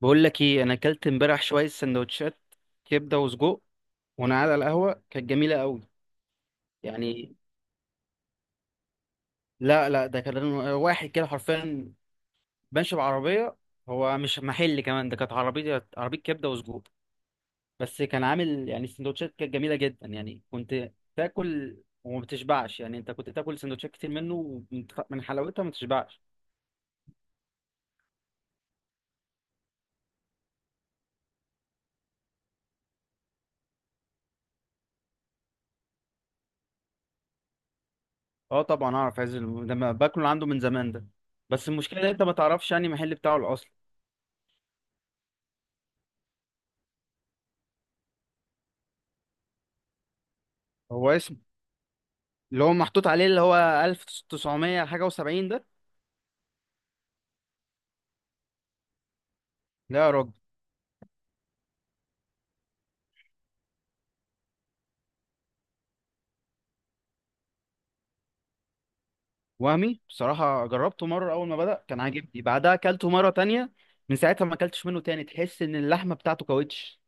بقول لك ايه، انا اكلت امبارح شويه سندوتشات كبده وسجق وانا قاعد على القهوه، كانت جميله قوي. يعني لا لا، ده كان واحد كده حرفيا ماشي بعربيه. هو مش محل كمان، ده كانت عربيه عربيه كبده وسجق. بس كان عامل يعني السندوتشات كانت جميله جدا، يعني كنت تاكل وما بتشبعش. يعني انت كنت تاكل سندوتشات كتير منه، ومن- من حلاوتها ما تشبعش. اه طبعا اعرف، عايز ده ما باكله عنده من زمان ده. بس المشكله إن انت ما تعرفش يعني المحل بتاعه الاصلي. هو اسمه اللي هو محطوط عليه اللي هو 1900 حاجة و70 ده. لا يا راجل. وهمي بصراحة جربته مرة أول ما بدأ كان عاجبني، بعدها أكلته مرة تانية. من ساعتها ما أكلتش منه تاني. تحس إن اللحمة بتاعته كاوتش.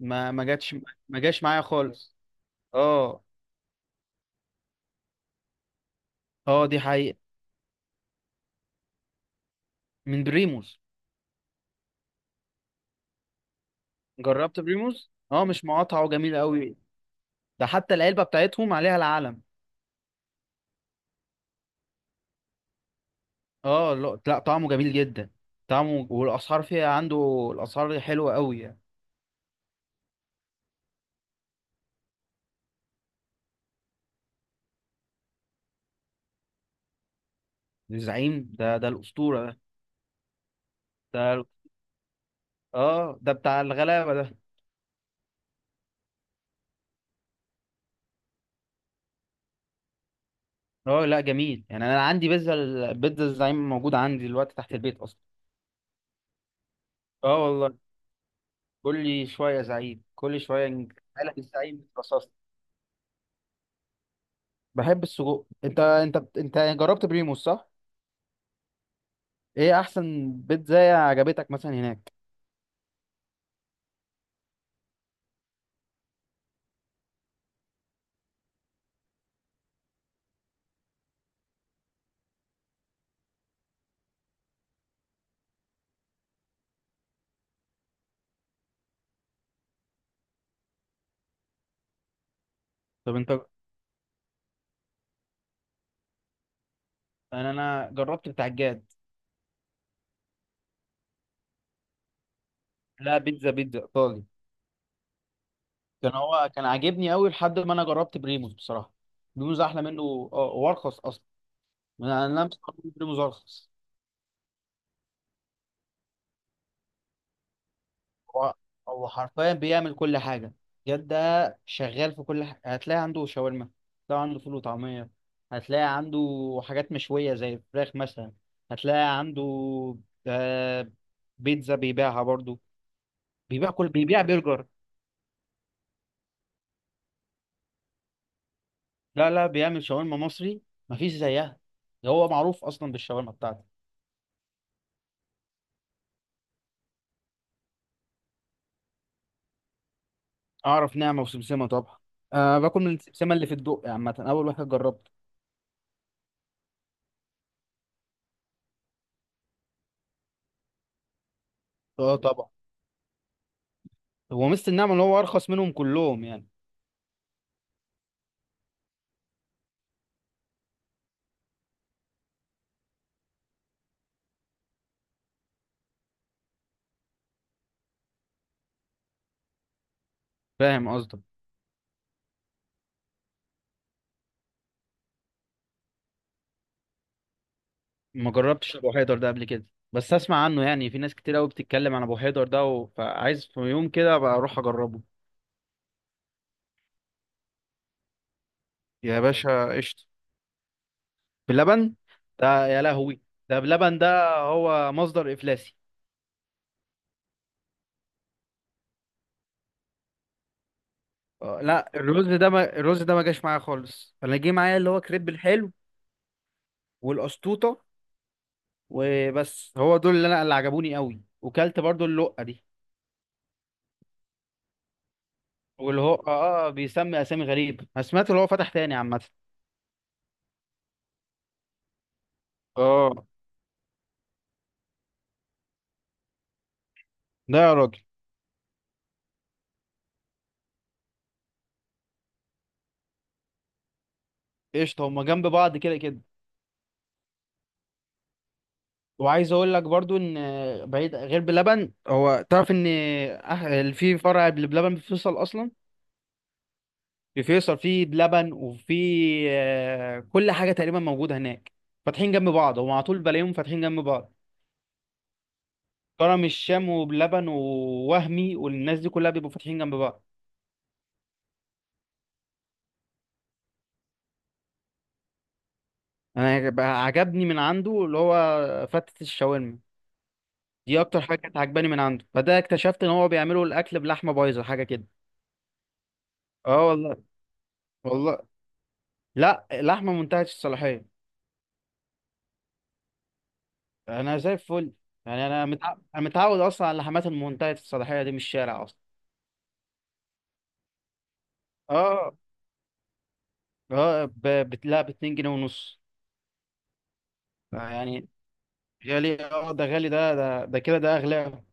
ما جاتش، ما جاش معايا خالص. اه. اه، دي حقيقة، من بريموز. جربت بريموز، اه، مش مقاطعة وجميل قوي. ده حتى العلبة بتاعتهم عليها العلم. اه، لا لا، طعمه جميل جدا. طعمه والأسعار، فيها عنده الأسعار حلوة قوي يعني. الزعيم ده الأسطورة ده. ده اه، ده بتاع الغلابه ده. اه لا، جميل يعني. انا عندي البيتزا الزعيم موجود عندي دلوقتي تحت البيت اصلا. اه والله. كل شويه زعيم، كل شويه نجيلك. الزعيم بترصصني. بحب السجق. انت انت جربت بريموس صح؟ ايه احسن بيتزا عجبتك مثلا هناك؟ طب انت، انا جربت بتاع الجاد. لا بيتزا بيتزا ايطالي. كان عاجبني قوي لحد ما انا جربت بريموس بصراحه. بريموس احلى منه. اه وارخص اصلا. انا مستغرب إن بريموس ارخص. هو هو حرفيا بيعمل كل حاجة. جد ده شغال في كل حاجة. هتلاقي عنده شاورما، هتلاقي عنده فول وطعمية، هتلاقي عنده حاجات مشوية زي الفراخ مثلا، هتلاقي عنده آه، بيتزا بيبيعها برضو. بيبيع برجر. لا لا، بيعمل شاورما مصري، مفيش زيها. ده هو معروف أصلا بالشاورما بتاعته. أعرف نعمة وسمسمة طبعا. أه، باكل من السمسمة اللي في الدق عامة، أول واحد جربته. اه طبعا. هو ميزة النعمة إن هو أرخص منهم كلهم يعني. فاهم قصدك. ما جربتش ابو حيدر ده قبل كده، بس اسمع عنه يعني. في ناس كتير قوي بتتكلم عن ابو حيدر ده فعايز في يوم كده ابقى اروح اجربه. يا باشا قشطه. بلبن؟ ده يا لهوي، ده بلبن ده هو مصدر افلاسي. لا الرز ده ما... الرز ده ما جاش معايا خالص. انا جه معايا اللي هو كريب الحلو والقشطوطه وبس. هو دول اللي انا اللي عجبوني قوي، وكلت برضو اللقه دي. واللي هو بيسمي اسامي غريب. انا سمعت اللي هو فتح تاني عامه. اه. ده يا راجل. قشطه، هما جنب بعض كده كده. وعايز اقول لك برضو ان بعيد غير بلبن، هو تعرف ان في فرع بلبن في فيصل اصلا. في فيصل، في بلبن وفي كل حاجه تقريبا موجوده هناك. فاتحين جنب بعض هم، على طول بلاقيهم فاتحين جنب بعض. كرم الشام وبلبن ووهمي والناس دي كلها بيبقوا فاتحين جنب بعض. انا بقى عجبني من عنده اللي هو فتة الشاورما. دي اكتر حاجه كانت عجباني من عنده. فده اكتشفت ان هو بيعملوا الاكل بلحمه بايظه حاجه كده. اه والله. والله. لا، لحمه منتهيه الصلاحيه. انا زي الفل. يعني انا متعود اصلا على اللحمات المنتهيه الصلاحيه دي من الشارع اصلا. اه. اه لا، ب 2 جنيه ونص. يعني غالي، اه ده غالي، ده ده كده، ده اغلى.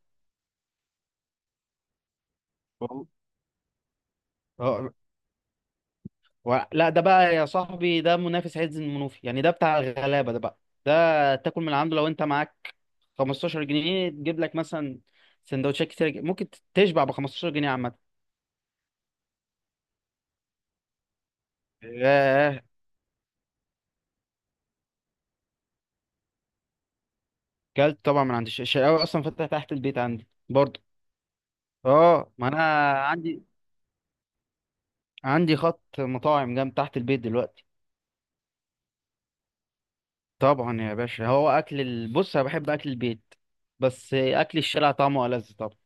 والله. اه. لا ده بقى يا صاحبي، ده منافس عز المنوفي يعني. ده بتاع الغلابه ده بقى. ده تاكل من عنده لو انت معاك 15 جنيه تجيب لك مثلا سندوتشات كتير. ممكن تشبع ب 15 جنيه عامه. ياه. كلت طبعا من عند الشقاوي، اصلا فاتحه تحت البيت عندي برضه. اه ما انا عندي عندي خط مطاعم جنب تحت البيت دلوقتي. طبعا يا باشا، هو اكل بص، انا بحب اكل البيت، بس اكل الشارع طعمه ألذ طبعا.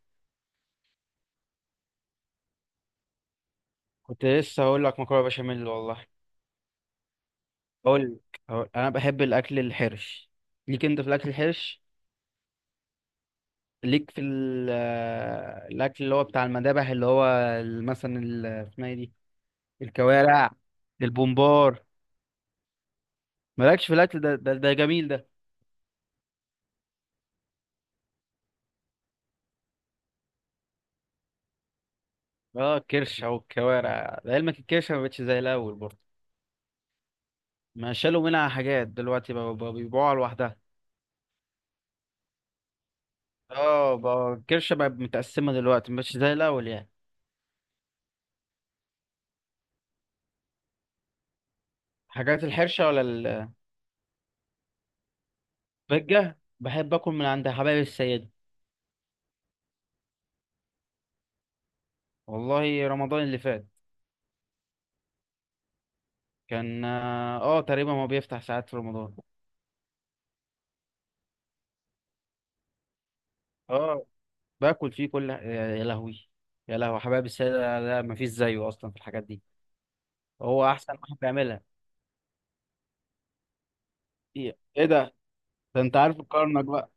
كنت لسه هقول لك مكرونه بشاميل والله. اقول لك، انا بحب الاكل الحرش. ليك انت في الاكل الحرش؟ ليك في الاكل اللي هو بتاع المذابح، اللي هو اسمها ايه دي، الكوارع، البومبار. مالكش في الاكل ده؟ ده جميل ده. اه الكرش او الكوارع، لعلمك الكرشه ما بقتش زي الاول برضه. ما شالوا منها حاجات دلوقتي، بقى بيبيعوها لوحدها. اه بقى الكرشة بقت متقسمة دلوقتي، مش زي الأول يعني. حاجات الحرشة ولا؟ البجة بحب أكل من عند حبايب السيدة. والله رمضان اللي فات. كان تقريبا هو بيفتح ساعات في رمضان. اه. باكل فيه كل، يا لهوي. يا لهوي، حبايب السيدة لا مفيش زيه أصلا في الحاجات دي. هو أحسن واحد بيعملها. ايه؟ ده؟ ده انت عارف الكرنك بقى.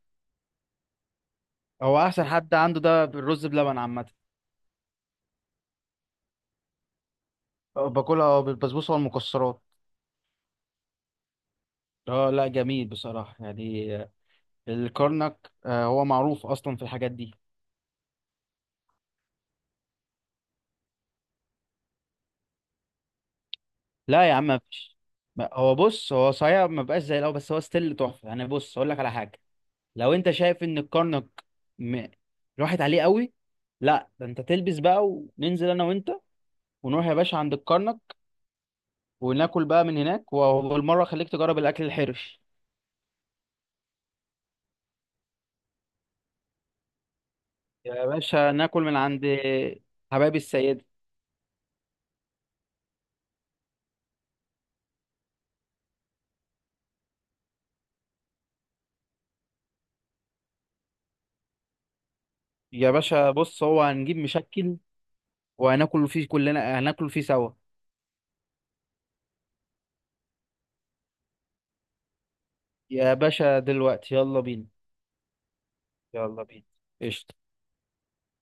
هو أحسن حد عنده ده بالرز بلبن عامة. باكلها بالبسبوسة والمكسرات. اه لا، جميل بصراحة يعني. الكرنك هو معروف أصلا في الحاجات دي. لا يا عم، مفيش. هو بص، هو صحيح ما بقاش زي الأول، بس هو ستيل تحفة يعني. بص أقول لك على حاجة، لو أنت شايف إن الكرنك م... راحت عليه قوي، لا ده أنت تلبس بقى، وننزل أنا وأنت، ونروح يا باشا عند الكرنك، وناكل بقى من هناك، وبالمرة خليك تجرب الأكل الحرش. يا باشا ناكل من عند حبايب السيدة. يا باشا بص، هو هنجيب مشكل وهناكل فيه كلنا، هناكل فيه سوا. يا باشا دلوقتي يلا بينا. يلا بينا، قشطة.